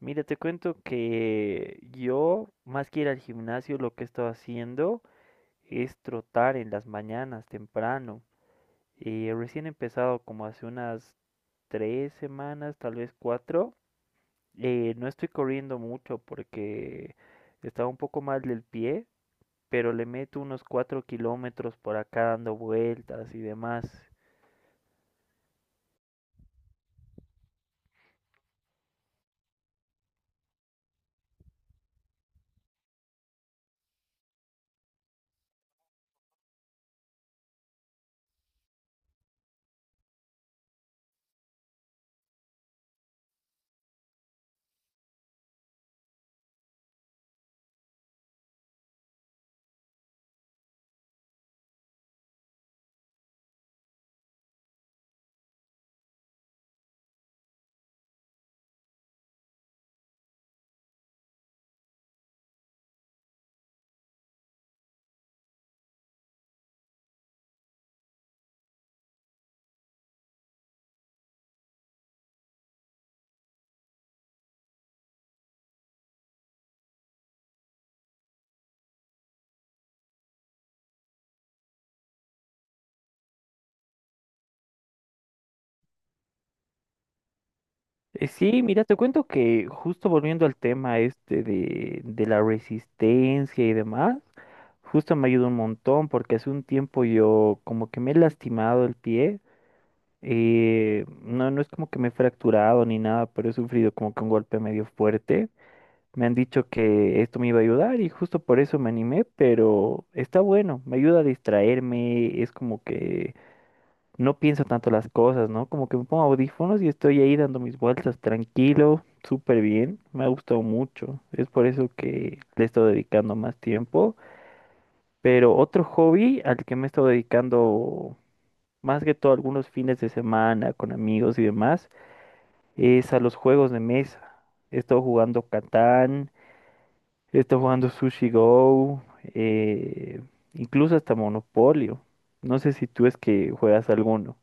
Mira, te cuento que yo, más que ir al gimnasio, lo que he estado haciendo es trotar en las mañanas temprano. Recién he empezado como hace unas 3 semanas, tal vez cuatro. No estoy corriendo mucho porque estaba un poco mal del pie, pero le meto unos 4 kilómetros por acá dando vueltas y demás. Sí, mira, te cuento que justo volviendo al tema este de la resistencia y demás, justo me ayuda un montón porque hace un tiempo yo como que me he lastimado el pie. No, no es como que me he fracturado ni nada, pero he sufrido como que un golpe medio fuerte. Me han dicho que esto me iba a ayudar y justo por eso me animé, pero está bueno, me ayuda a distraerme, es como que no pienso tanto las cosas, ¿no? Como que me pongo audífonos y estoy ahí dando mis vueltas tranquilo, súper bien, me ha gustado mucho, es por eso que le estoy dedicando más tiempo. Pero otro hobby al que me he estado dedicando más que todo algunos fines de semana con amigos y demás es a los juegos de mesa. He estado jugando Catán, he estado jugando Sushi Go, eh, incluso hasta Monopolio. No sé si tú es que juegas alguno.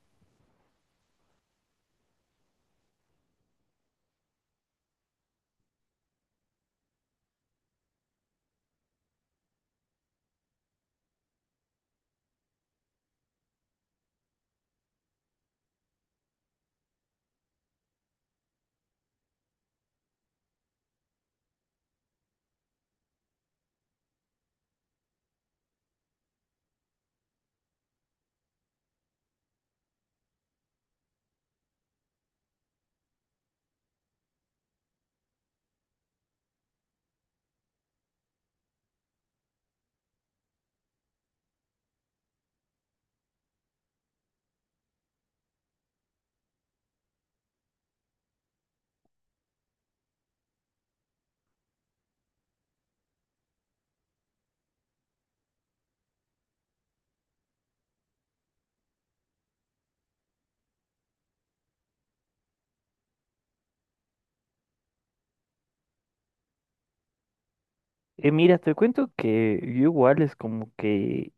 Mira, te cuento que yo igual es como que,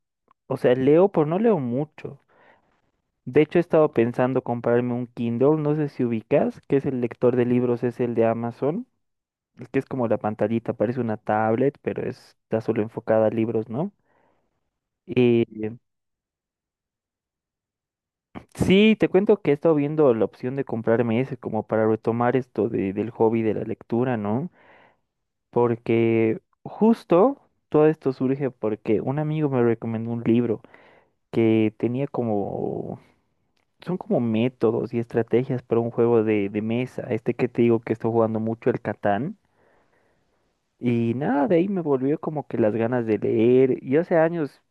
o sea, leo, pero no leo mucho. De hecho, he estado pensando comprarme un Kindle, no sé si ubicas, que es el lector de libros, es el de Amazon. Es que es como la pantallita, parece una tablet, pero está solo enfocada a libros, ¿no? Eh, sí, te cuento que he estado viendo la opción de comprarme ese como para retomar esto del hobby de la lectura, ¿no? Porque justo todo esto surge porque un amigo me recomendó un libro que tenía como, son como métodos y estrategias para un juego de mesa, este que te digo que estoy jugando mucho, el Catán. Y nada, de ahí me volvió como que las ganas de leer. Y hace años,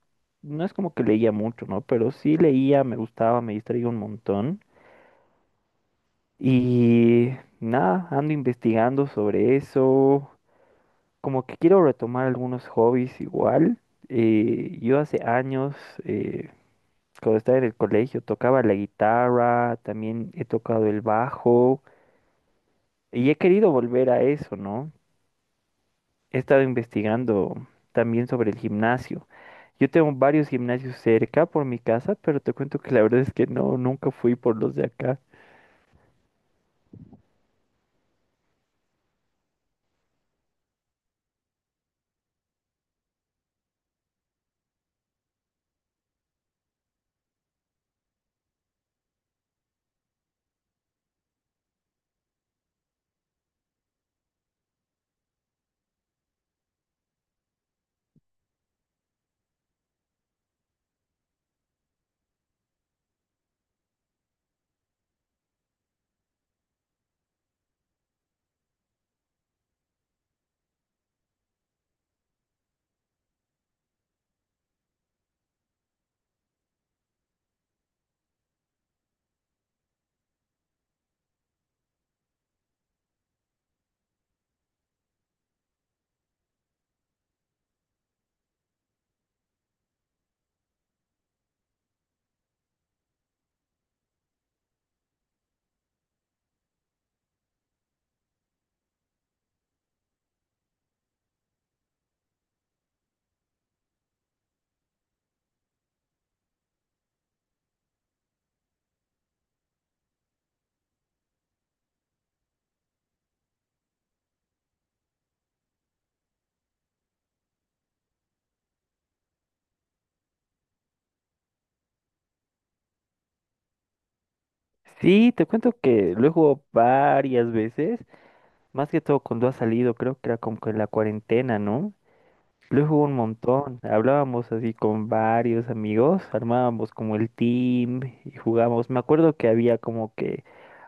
no es como que leía mucho, ¿no? Pero sí leía, me gustaba, me distraía un montón. Y nada, ando investigando sobre eso. Como que quiero retomar algunos hobbies igual. Yo hace años, eh, cuando estaba en el colegio, tocaba la guitarra, también he tocado el bajo. Y he querido volver a eso, ¿no? He estado investigando también sobre el gimnasio. Yo tengo varios gimnasios cerca por mi casa, pero te cuento que la verdad es que no, nunca fui por los de acá. Sí, te cuento que lo he jugado varias veces, más que todo cuando ha salido, creo que era como que en la cuarentena, ¿no? Lo he jugado un montón, hablábamos así con varios amigos, armábamos como el team y jugábamos. Me acuerdo que había como que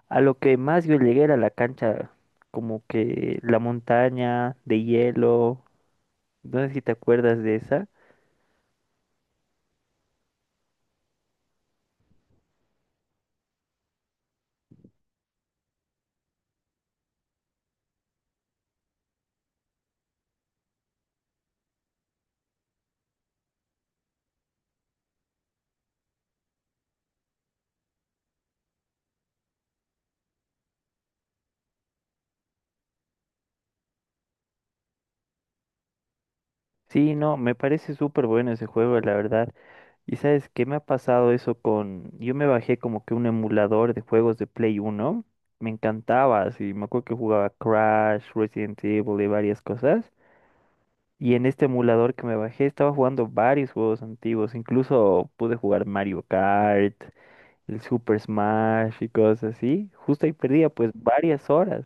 a lo que más yo llegué era la cancha, como que la montaña de hielo, no sé si te acuerdas de esa. Sí, no, me parece súper bueno ese juego, la verdad. ¿Y sabes qué me ha pasado eso con? Yo me bajé como que un emulador de juegos de Play Uno. Me encantaba, así. Me acuerdo que jugaba Crash, Resident Evil y varias cosas. Y en este emulador que me bajé estaba jugando varios juegos antiguos. Incluso pude jugar Mario Kart, el Super Smash y cosas así. Justo ahí perdía pues varias horas.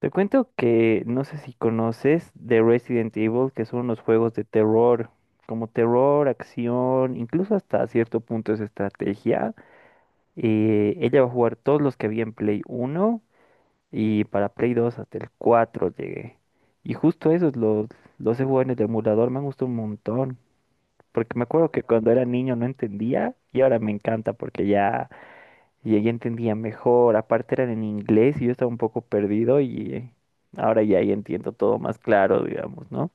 Te cuento que no sé si conoces de Resident Evil, que son los juegos de terror, como terror, acción, incluso hasta cierto punto es estrategia. Ella va a jugar todos los que había en Play Uno y para Play Dos hasta el 4 llegué. Y justo esos los he jugado en el emulador, me han gustado un montón. Porque me acuerdo que cuando era niño no entendía y ahora me encanta porque ya y ella entendía mejor, aparte eran en inglés y yo estaba un poco perdido y ahora ya, ya entiendo todo más claro, digamos, ¿no?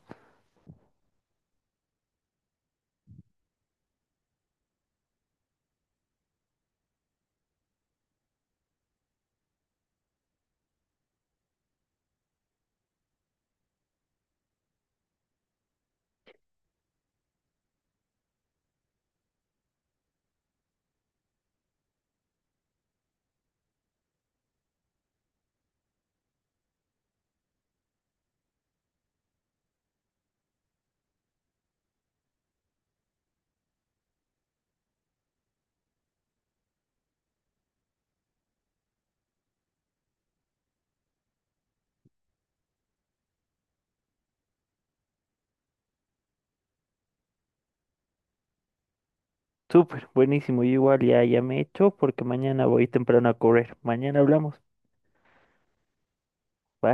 Súper, buenísimo, yo igual ya, ya me echo porque mañana voy temprano a correr. Mañana hablamos. Bye.